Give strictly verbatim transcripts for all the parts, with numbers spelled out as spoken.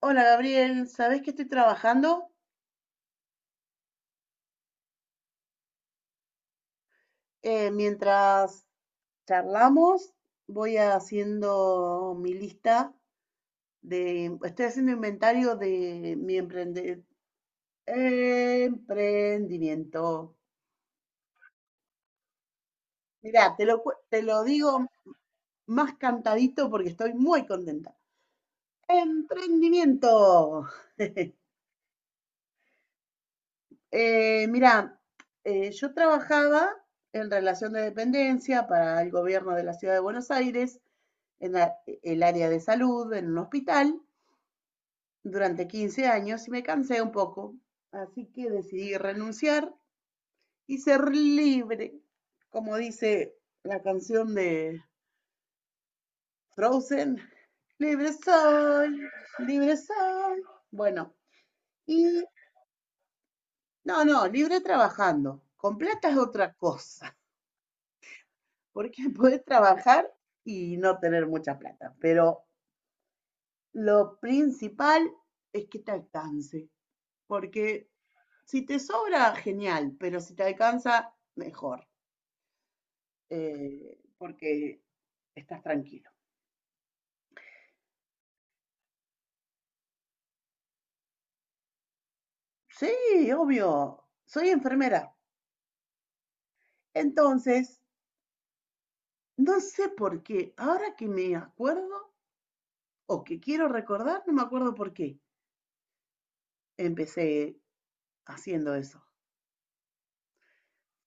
Hola Gabriel, ¿sabés que estoy trabajando? Eh, mientras charlamos, voy haciendo mi lista de, estoy haciendo inventario de mi emprende- emprendimiento. Mirá, te lo, cu- te lo digo más cantadito porque estoy muy contenta. Emprendimiento. Eh, mirá, eh, yo trabajaba en relación de dependencia para el gobierno de la Ciudad de Buenos Aires en la- el área de salud, en un hospital, durante quince años y me cansé un poco. Así que decidí renunciar y ser libre, como dice la canción de Frozen. Libre soy, libre soy. Bueno, y no, no, libre trabajando. Con plata es otra cosa, porque puedes trabajar y no tener mucha plata. Pero lo principal es que te alcance, porque si te sobra, genial, pero si te alcanza, mejor, eh, porque estás tranquilo. Sí, obvio, soy enfermera. Entonces, no sé por qué, ahora que me acuerdo o que quiero recordar, no me acuerdo por qué empecé haciendo eso.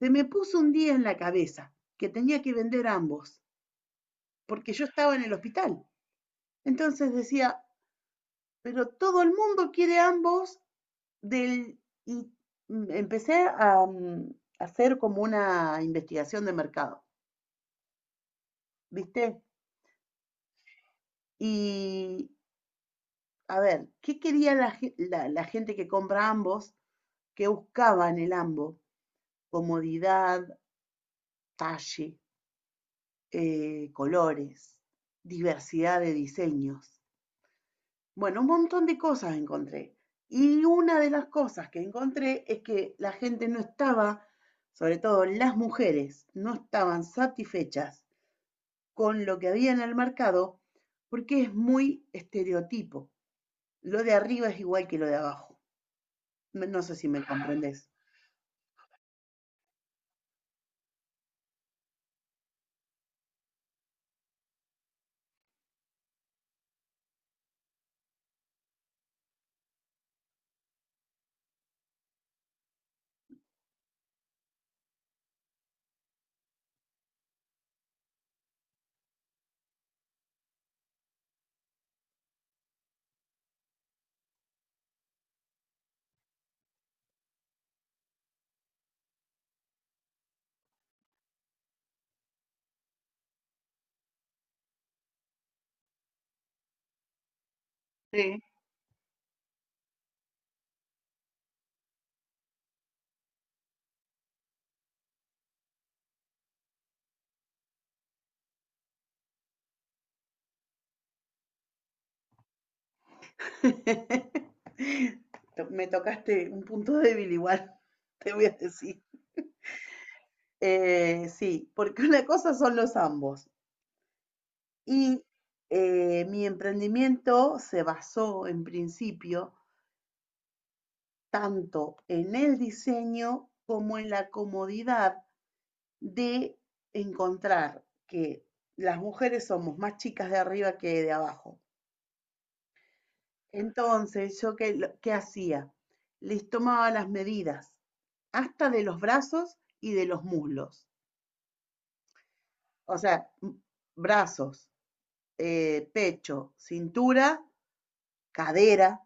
Se me puso un día en la cabeza que tenía que vender ambos, porque yo estaba en el hospital. Entonces decía, pero todo el mundo quiere ambos del, y mm, empecé a mm, hacer como una investigación de mercado, ¿viste? Y a ver, ¿qué quería la, ge- la- la gente que compra ambos? ¿Qué buscaban el ambos? Comodidad, talle, eh, colores, diversidad de diseños. Bueno, un montón de cosas encontré. Y una de las cosas que encontré es que la gente no estaba, sobre todo las mujeres, no estaban satisfechas con lo que había en el mercado, porque es muy estereotipo. Lo de arriba es igual que lo de abajo. No sé si me comprendes. Sí. Me tocaste un punto débil igual, te voy a decir. Eh, sí, porque una cosa son los ambos. Y eh, mi emprendimiento se basó en principio tanto en el diseño como en la comodidad de encontrar que las mujeres somos más chicas de arriba que de abajo. Entonces, ¿yo qué, lo- qué hacía? Les tomaba las medidas, hasta de los brazos y de los muslos. O sea, m- brazos, eh, pecho, cintura, cadera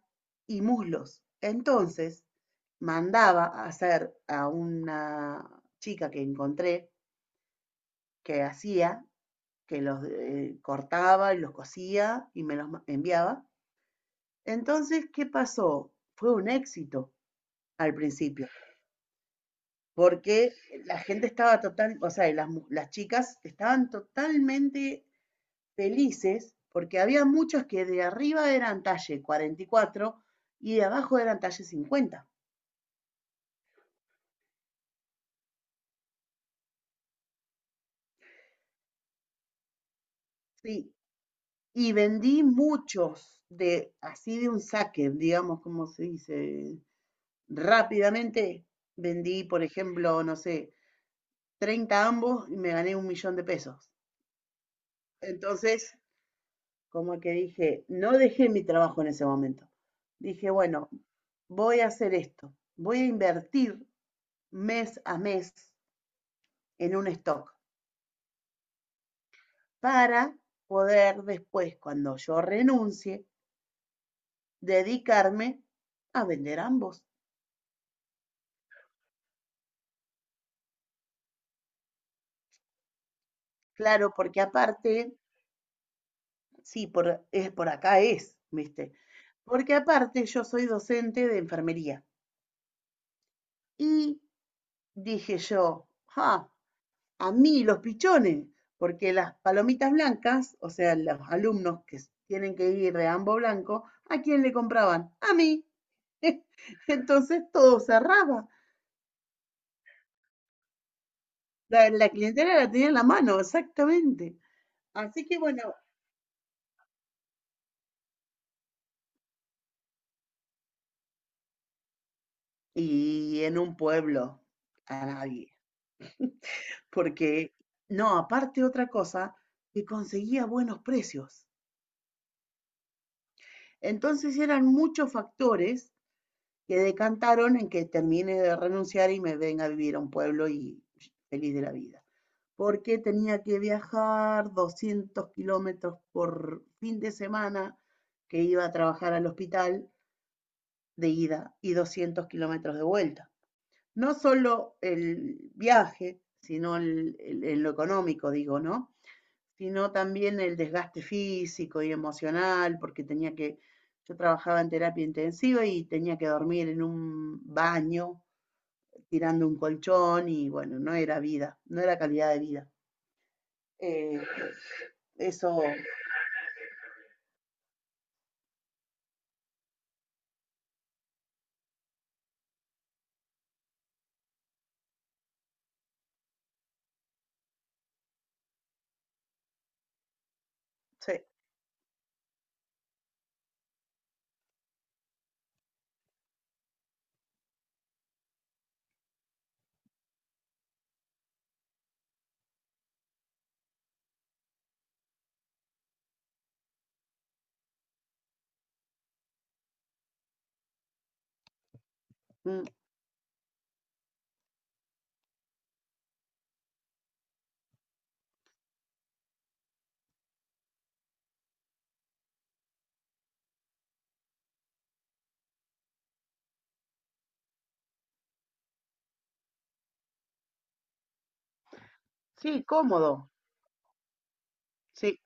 y muslos. Entonces, mandaba a hacer a una chica que encontré que hacía que los eh, cortaba y los cosía y me los enviaba. Entonces, ¿qué pasó? Fue un éxito al principio, porque la gente estaba total, o sea, las, las chicas estaban totalmente felices porque había muchos que de arriba eran talle cuarenta y cuatro y de abajo eran talle cincuenta. Sí, y vendí muchos de así de un saque, digamos, como se dice, rápidamente vendí, por ejemplo, no sé, treinta ambos y me gané un millón de pesos. Entonces, como que dije, no dejé mi trabajo en ese momento. Dije, bueno, voy a hacer esto. Voy a invertir mes a mes en un stock para poder después, cuando yo renuncie, dedicarme a vender ambos. Claro, porque aparte, sí, por, es, por acá es, ¿viste? Porque aparte yo soy docente de enfermería. Y dije yo, ah, a mí los pichones, porque las palomitas blancas, o sea, los alumnos que tienen que ir de ambos blanco, ¿a quién le compraban? A mí. Entonces todo cerraba. La, la clientela la tenía en la mano, exactamente. Así que bueno, y en un pueblo, a nadie. Porque, no, aparte otra cosa, que conseguía buenos precios. Entonces eran muchos factores que decantaron en que termine de renunciar y me venga a vivir a un pueblo y feliz de la vida. Porque tenía que viajar doscientos kilómetros por fin de semana que iba a trabajar al hospital de ida y doscientos kilómetros de vuelta. No solo el viaje, sino el, el, en lo económico, digo, ¿no? Sino también el desgaste físico y emocional, porque tenía que, yo trabajaba en terapia intensiva y tenía que dormir en un baño tirando un colchón y bueno, no era vida, no era calidad de vida. Eh, eso, sí. Mm, sí, cómodo, sí,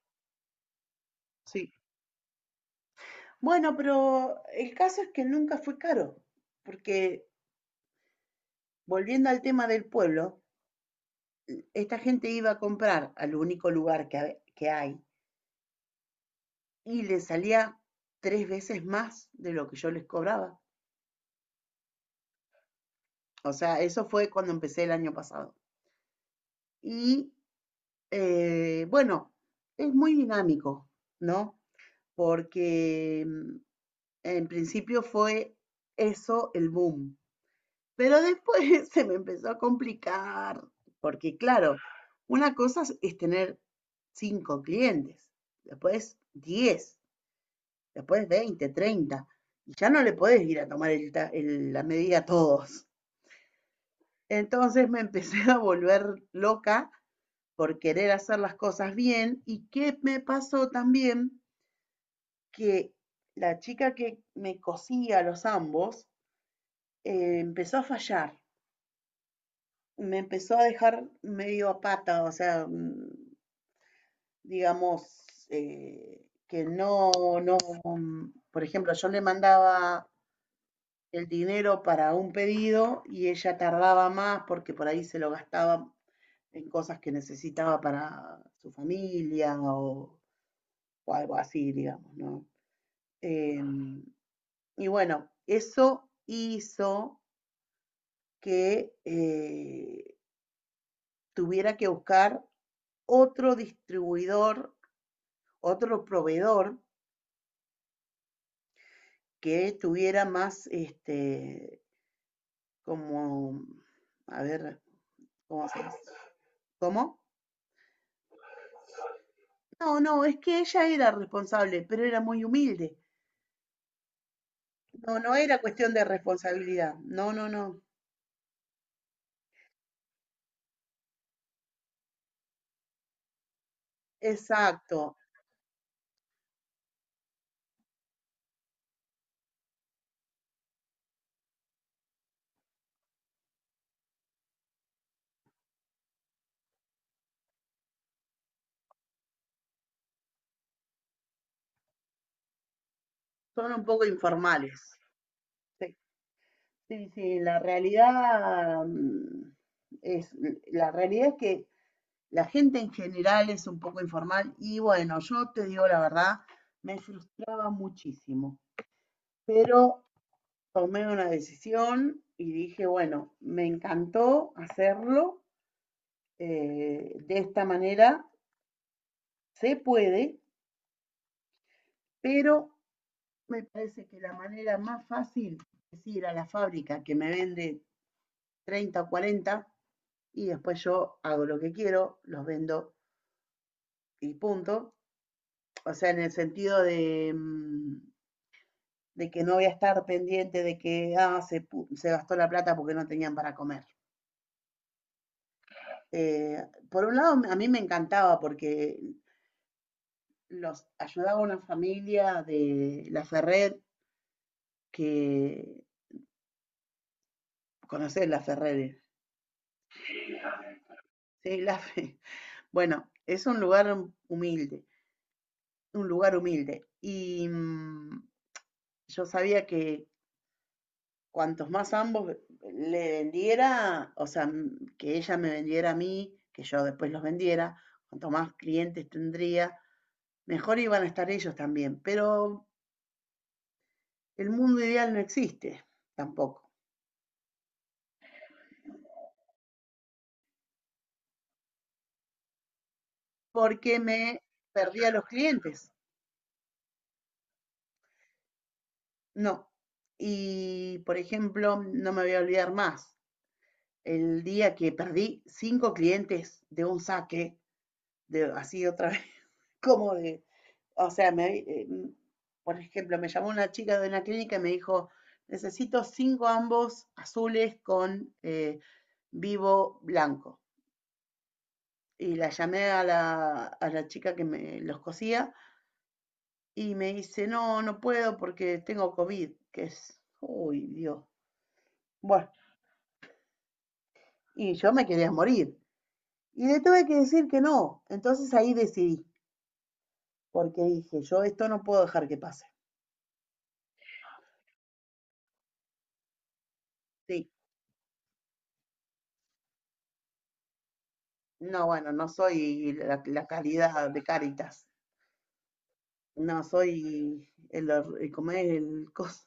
sí. Bueno, pero el caso es que nunca fue caro, porque volviendo al tema del pueblo, esta gente iba a comprar al único lugar que, que hay y le salía tres veces más de lo que yo les cobraba. O sea, eso fue cuando empecé el año pasado. Y eh, bueno, es muy dinámico, ¿no? Porque mm, en principio fue eso el boom, pero después se me empezó a complicar, porque claro, una cosa es- tener cinco clientes, después diez, después veinte, treinta y ya no le podés ir a tomar el el- la medida a todos. Entonces me empecé a volver loca por querer hacer las cosas bien y qué me pasó también que la chica que me cosía los ambos eh, empezó a fallar, me empezó a dejar medio a pata, o sea, mm, digamos, eh, que no, no, mm, por ejemplo, yo le mandaba el dinero para un pedido y ella tardaba más porque por ahí se lo gastaba en cosas que necesitaba para su familia o, o algo así, digamos, ¿no? Em, y bueno, eso hizo que eh, tuviera que buscar otro distribuidor, otro proveedor que tuviera más, este, como, a ver, ¿cómo se dice? ¿Cómo? No, no, es que ella era responsable, pero era muy humilde. No, no era cuestión de responsabilidad. No, no, no. Exacto. Son un poco informales. Se sí, sí, la realidad mm, es, la realidad es que la gente en general es un poco informal y bueno, yo te digo la verdad, me frustraba muchísimo, pero tomé una decisión y dije, bueno, me encantó hacerlo eh, de esta manera, se puede, pero me parece que la manera más fácil es ir a la fábrica que me vende treinta o cuarenta, y después yo hago lo que quiero, los vendo y punto. O sea, en el sentido de, mm, de que no voy a estar pendiente de que ah, se, se gastó la plata porque no tenían para comer. Eh, por un lado, a mí me encantaba porque los ayudaba una familia de La Ferrer, que conoces La Ferrer, ¿sí? La Fe- Bueno, es un lugar humilde, un lugar humilde. Y mm, yo sabía que cuantos más ambos le vendiera, o sea, mm, que ella me vendiera a mí, que yo después los vendiera, cuanto más clientes tendría, mejor iban a estar ellos también. Pero el mundo ideal no existe tampoco, porque me perdía los clientes. No. Y, por ejemplo, no me voy a olvidar más el día que perdí cinco clientes de un saque, de, así otra vez, como de, o sea, me, eh, mm, por ejemplo, me llamó una chica de una clínica y me dijo, necesito cinco ambos azules con eh, vivo blanco. Y la llamé a la, a la chica que me los cosía y me dice, no, no puedo porque tengo COVID, que es, uy, Dios. Bueno, y yo me quería morir. Y le tuve que decir que no. Entonces ahí decidí, porque dije, yo esto no puedo dejar que pase. Sí. No, bueno, no soy la, la calidad de Cáritas. No, soy el, el- ¿cómo es? El coso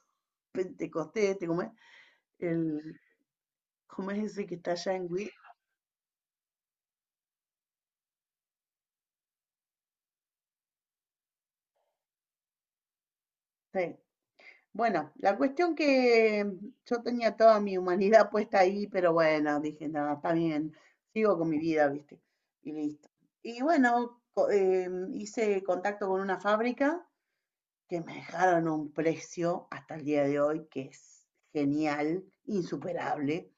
pentecostés, este, ¿cómo es? El, ¿cómo es ese que está allá en Wii? Sí. Bueno, la cuestión que yo tenía toda mi humanidad puesta ahí, pero bueno, dije, no, está bien, sigo con mi vida, ¿viste? Y listo. Y bueno, co- em, hice contacto con una fábrica que me dejaron a un precio hasta el día de hoy que es genial, insuperable.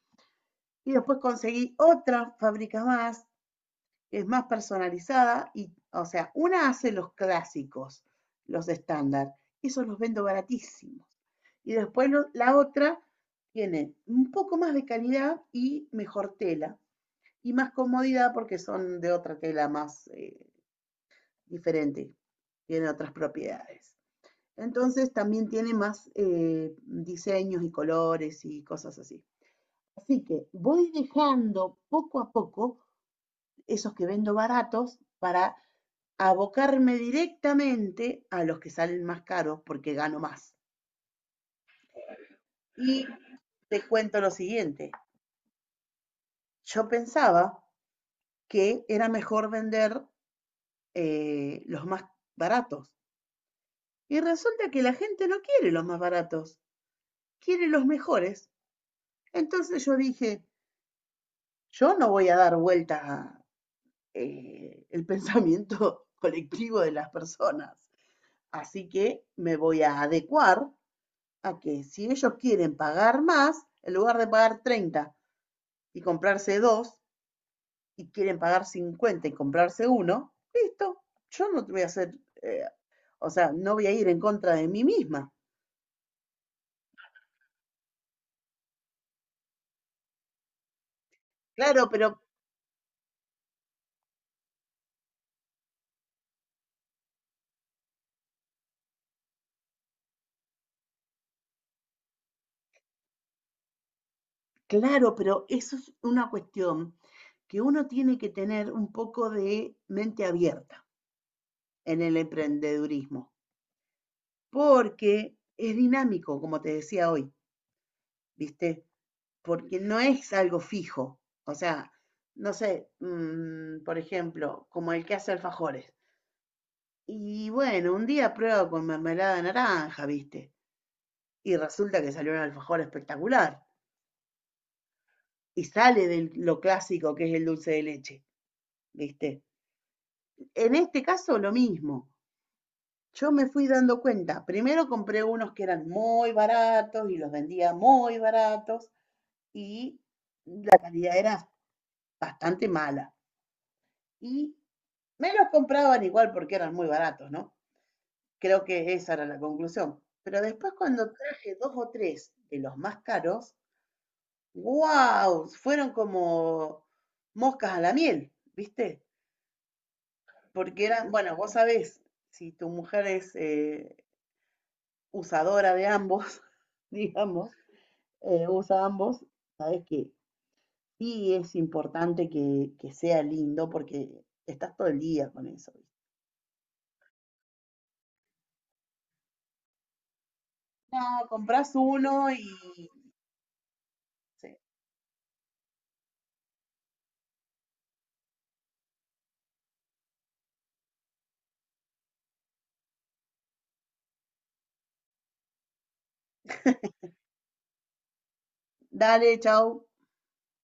Y después conseguí otra fábrica más, que es más personalizada y, o sea, una hace los clásicos, los estándar, esos los vendo baratísimos. Y después lo, la otra tiene un poco más de calidad y mejor tela y más comodidad porque son de otra tela más eh, diferente, tiene otras propiedades. Entonces también tiene más eh, diseños y colores y cosas así. Así que voy dejando poco a poco esos que vendo baratos para abocarme directamente a los que salen más caros porque gano más. Y te cuento lo siguiente. Yo pensaba que era mejor vender eh, los más baratos. Y resulta que la gente no quiere los más baratos, quiere los mejores. Entonces yo dije, yo no voy a dar vueltas a, eh, el pensamiento colectivo de las personas. Así que me voy a adecuar a que si ellos quieren pagar más, en lugar de pagar treinta y comprarse dos, y quieren pagar cincuenta y comprarse uno, listo, yo no te voy a hacer, eh, o sea, no voy a ir en contra de mí misma. Claro, pero, claro, pero eso es una cuestión que uno tiene que tener un poco de mente abierta en el emprendedurismo, porque es dinámico, como te decía hoy, ¿viste? Porque no es algo fijo. O sea, no sé, mm, por ejemplo, como el que hace alfajores. Y bueno, un día prueba con mermelada de naranja, ¿viste? Y resulta que salió un alfajor espectacular. Y sale de lo clásico que es el dulce de leche, ¿viste? En este caso, lo mismo. Yo me fui dando cuenta. Primero compré unos que eran muy baratos y los vendía muy baratos. Y la calidad era bastante mala. Y me los compraban igual porque eran muy baratos, ¿no? Creo que esa era la conclusión. Pero después cuando traje dos o tres de los más caros, wow, fueron como moscas a la miel, ¿viste? Porque eran, bueno, vos sabés, si tu mujer es eh, usadora de ambos, digamos, eh, usa ambos, sabés que sí es importante que, que sea lindo porque estás todo el día con eso. No, compras uno y sí. Dale, chao.